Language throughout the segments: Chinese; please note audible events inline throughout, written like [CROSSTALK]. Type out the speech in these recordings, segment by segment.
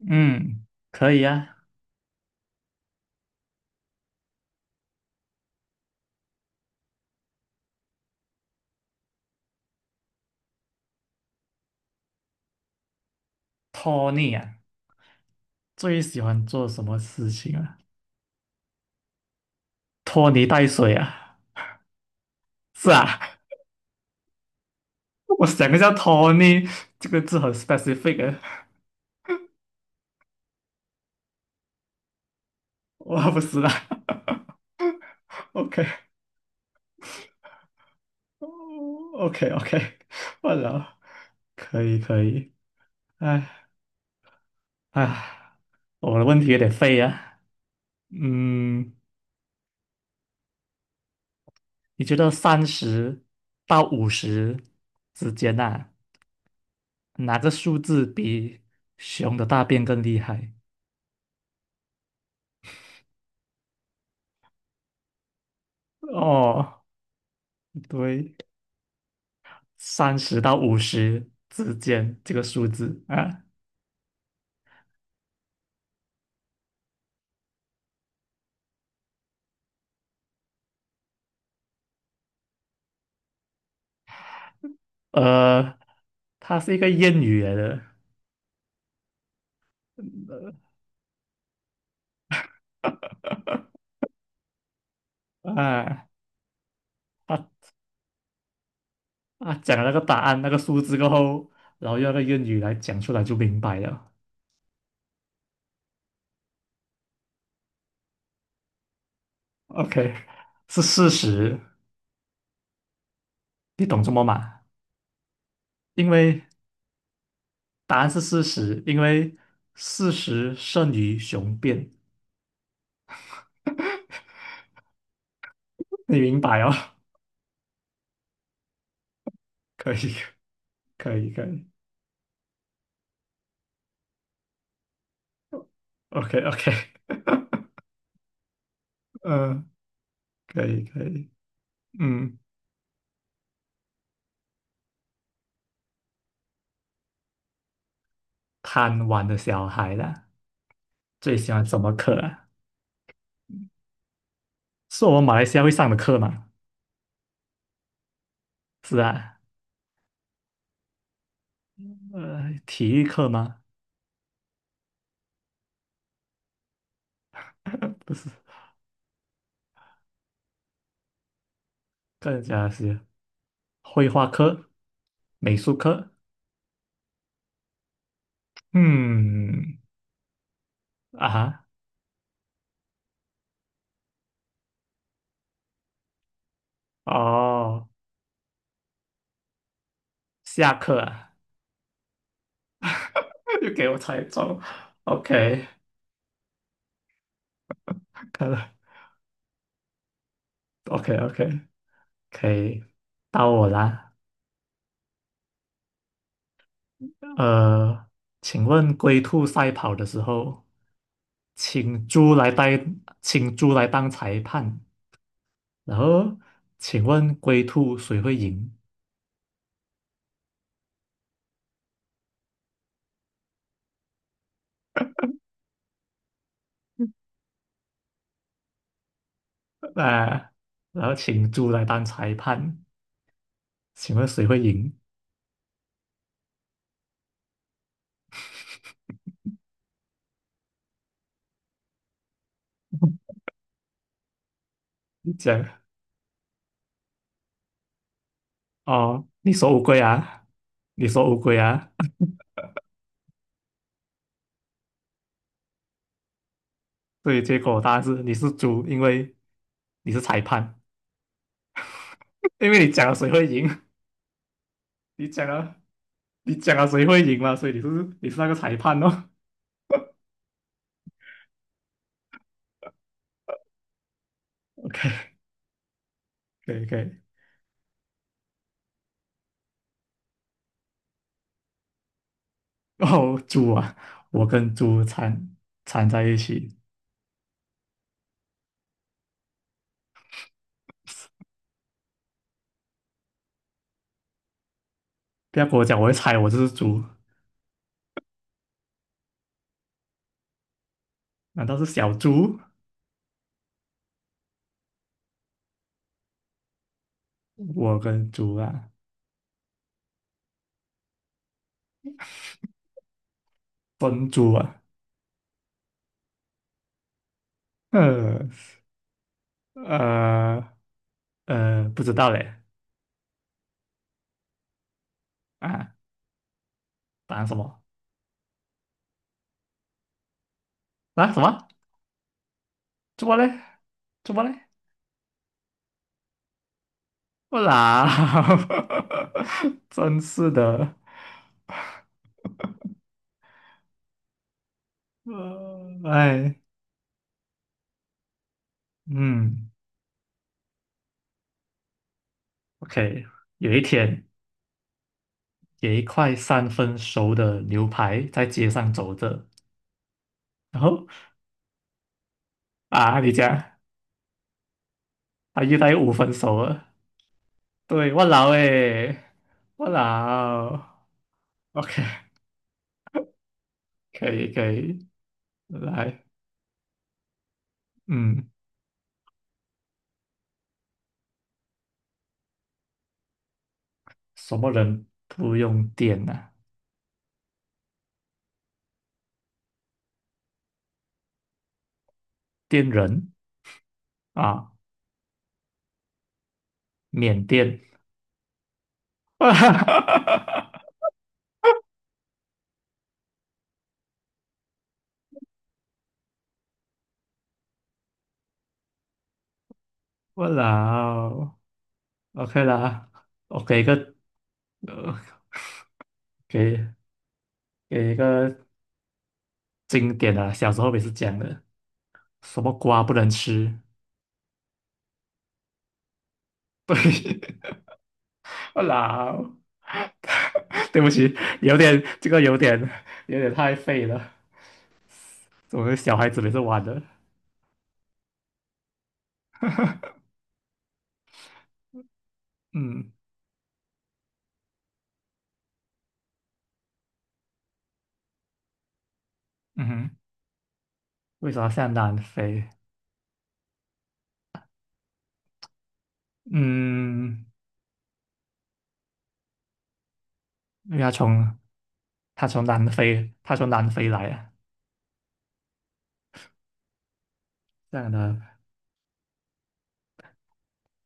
嗯，可以啊。拖泥啊，最喜欢做什么事情啊？拖泥带水啊？是啊，[LAUGHS] 我想一下，拖泥这个字很 specific 啊。[LAUGHS] 我不是啦。[LAUGHS] OK，OK，OK，我了，可以，可以。哎哎，我的问题有点废啊。嗯，你觉得三十到五十之间呐、啊，哪个数字比熊的大便更厉害？哦，对。三十到五十之间这个数字啊，呃，它是一个谚语来的，呃啊，他它讲了那个答案那个数字过后，然后用那个谚语来讲出来就明白了。OK,是事实，你懂这么嘛？因为答案是事实，因为事实胜于雄辩，你明白哦？[LAUGHS] 可以，可以，可以OK，OK，嗯，可以，可以，嗯，贪玩的小孩啦。最喜欢什么课啊？是我们马来西亚会上的课吗？是啊，体育课吗？[LAUGHS] 不是，更加是绘画课、美术课。嗯，啊哈，哦，下课啊，[LAUGHS] 又给我猜中。OK,看来 o k o k [LAUGHS] 可以，到我啦。呃，请问龟兔赛跑的时候，请猪来当，请猪来当裁判，然后，请问龟兔谁会赢？啊，然后请猪来当裁判，请问谁会赢？你讲哦，你说乌龟啊，你说乌龟啊，[LAUGHS] 所以结果答案是你是猪，因为你是裁判，[LAUGHS] 因为你讲了谁会赢，[LAUGHS] 你讲了你讲了谁会赢嘛，所以你是那个裁判哦。[LAUGHS] OK,可以可以。哦，猪啊，我跟猪缠在一起，不要跟我讲我会猜我就是猪，难道是小猪？我跟猪啊，分猪啊，呃呃不知道嘞啊，答案什么啊？什么？猪么嘞？猪么嘞？不啦，[LAUGHS] 真是的，哎，嗯，OK,有一天，有一块三分熟的牛排在街上走着，然后啊，你讲啊，遇到五分熟了，对，我老诶，我老，OK。可以可以，来，嗯，什么人不用电呢、电人啊，缅甸，[LAUGHS] 我老，OK 啦，我给一个，呃，给给一个经典的、小时候也是讲的，什么瓜不能吃，[LAUGHS] 对，我老，对不起，有点这个有点有点太废了，我们小孩子每次玩的，嗯嗯哼，为什么像南非？嗯，因为他从南非来啊，这样呢，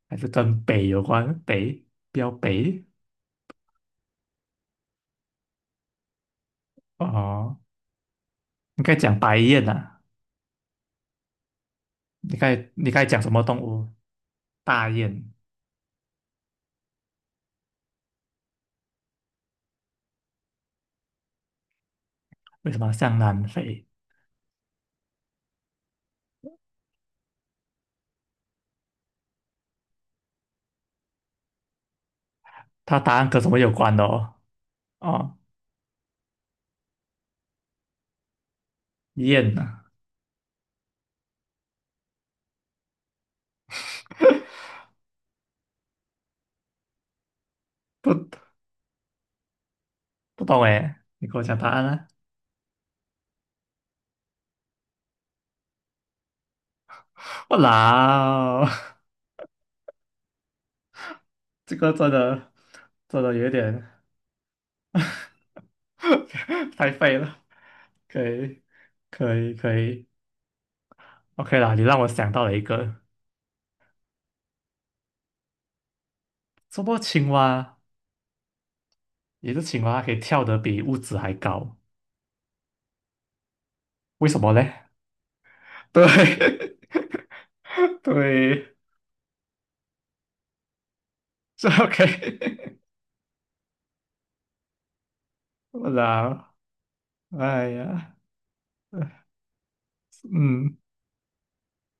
还是跟北有关，北，标北哦，应该讲白雁啊，你该讲什么动物？大雁，为什么像南非？它答案跟什么有关的哦？哦，雁啊，不不懂诶，你给我讲答案啊！我老，[LAUGHS] 这个真的真的有点 [LAUGHS] 太废了，可以可以可以，OK 啦，你让我想到了一个，什么青蛙？一只青蛙它可以跳得比屋子还高，为什么嘞？[LAUGHS] 对 [LAUGHS] 对，这 OK [LAUGHS]。我操！哎呀，[LAUGHS] 嗯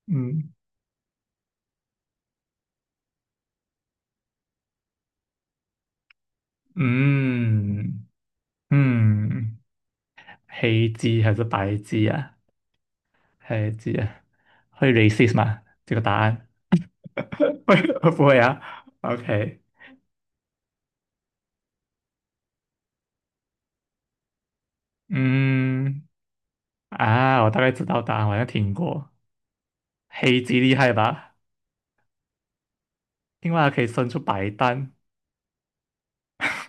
嗯，嗯嗯，黑鸡还是白鸡啊？黑鸡啊，会 racist 吗？这个答案 [LAUGHS]？会不会啊？OK,嗯啊，我大概知道答案，我好像听过。黑鸡厉害吧？青蛙可以生出白蛋，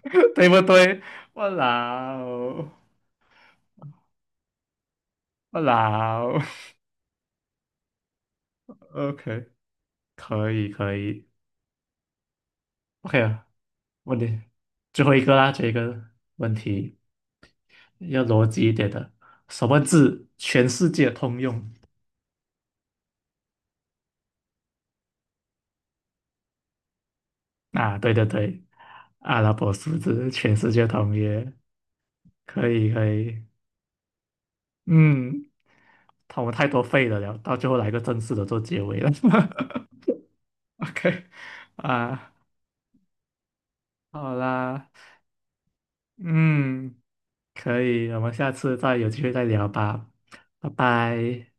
[LAUGHS] 对不对？我老，我老 [LAUGHS]，OK,可以可以，OK 啊，问题最后一个啦，这个问题要逻辑一点的，什么字全世界通用？啊，对对对，阿拉伯数字全世界通用，可以可以，嗯，他们太多废的了，到最后来个正式的做结尾了 [LAUGHS]，OK,啊，好啦，嗯。可以，我们下次再有机会再聊吧，拜拜。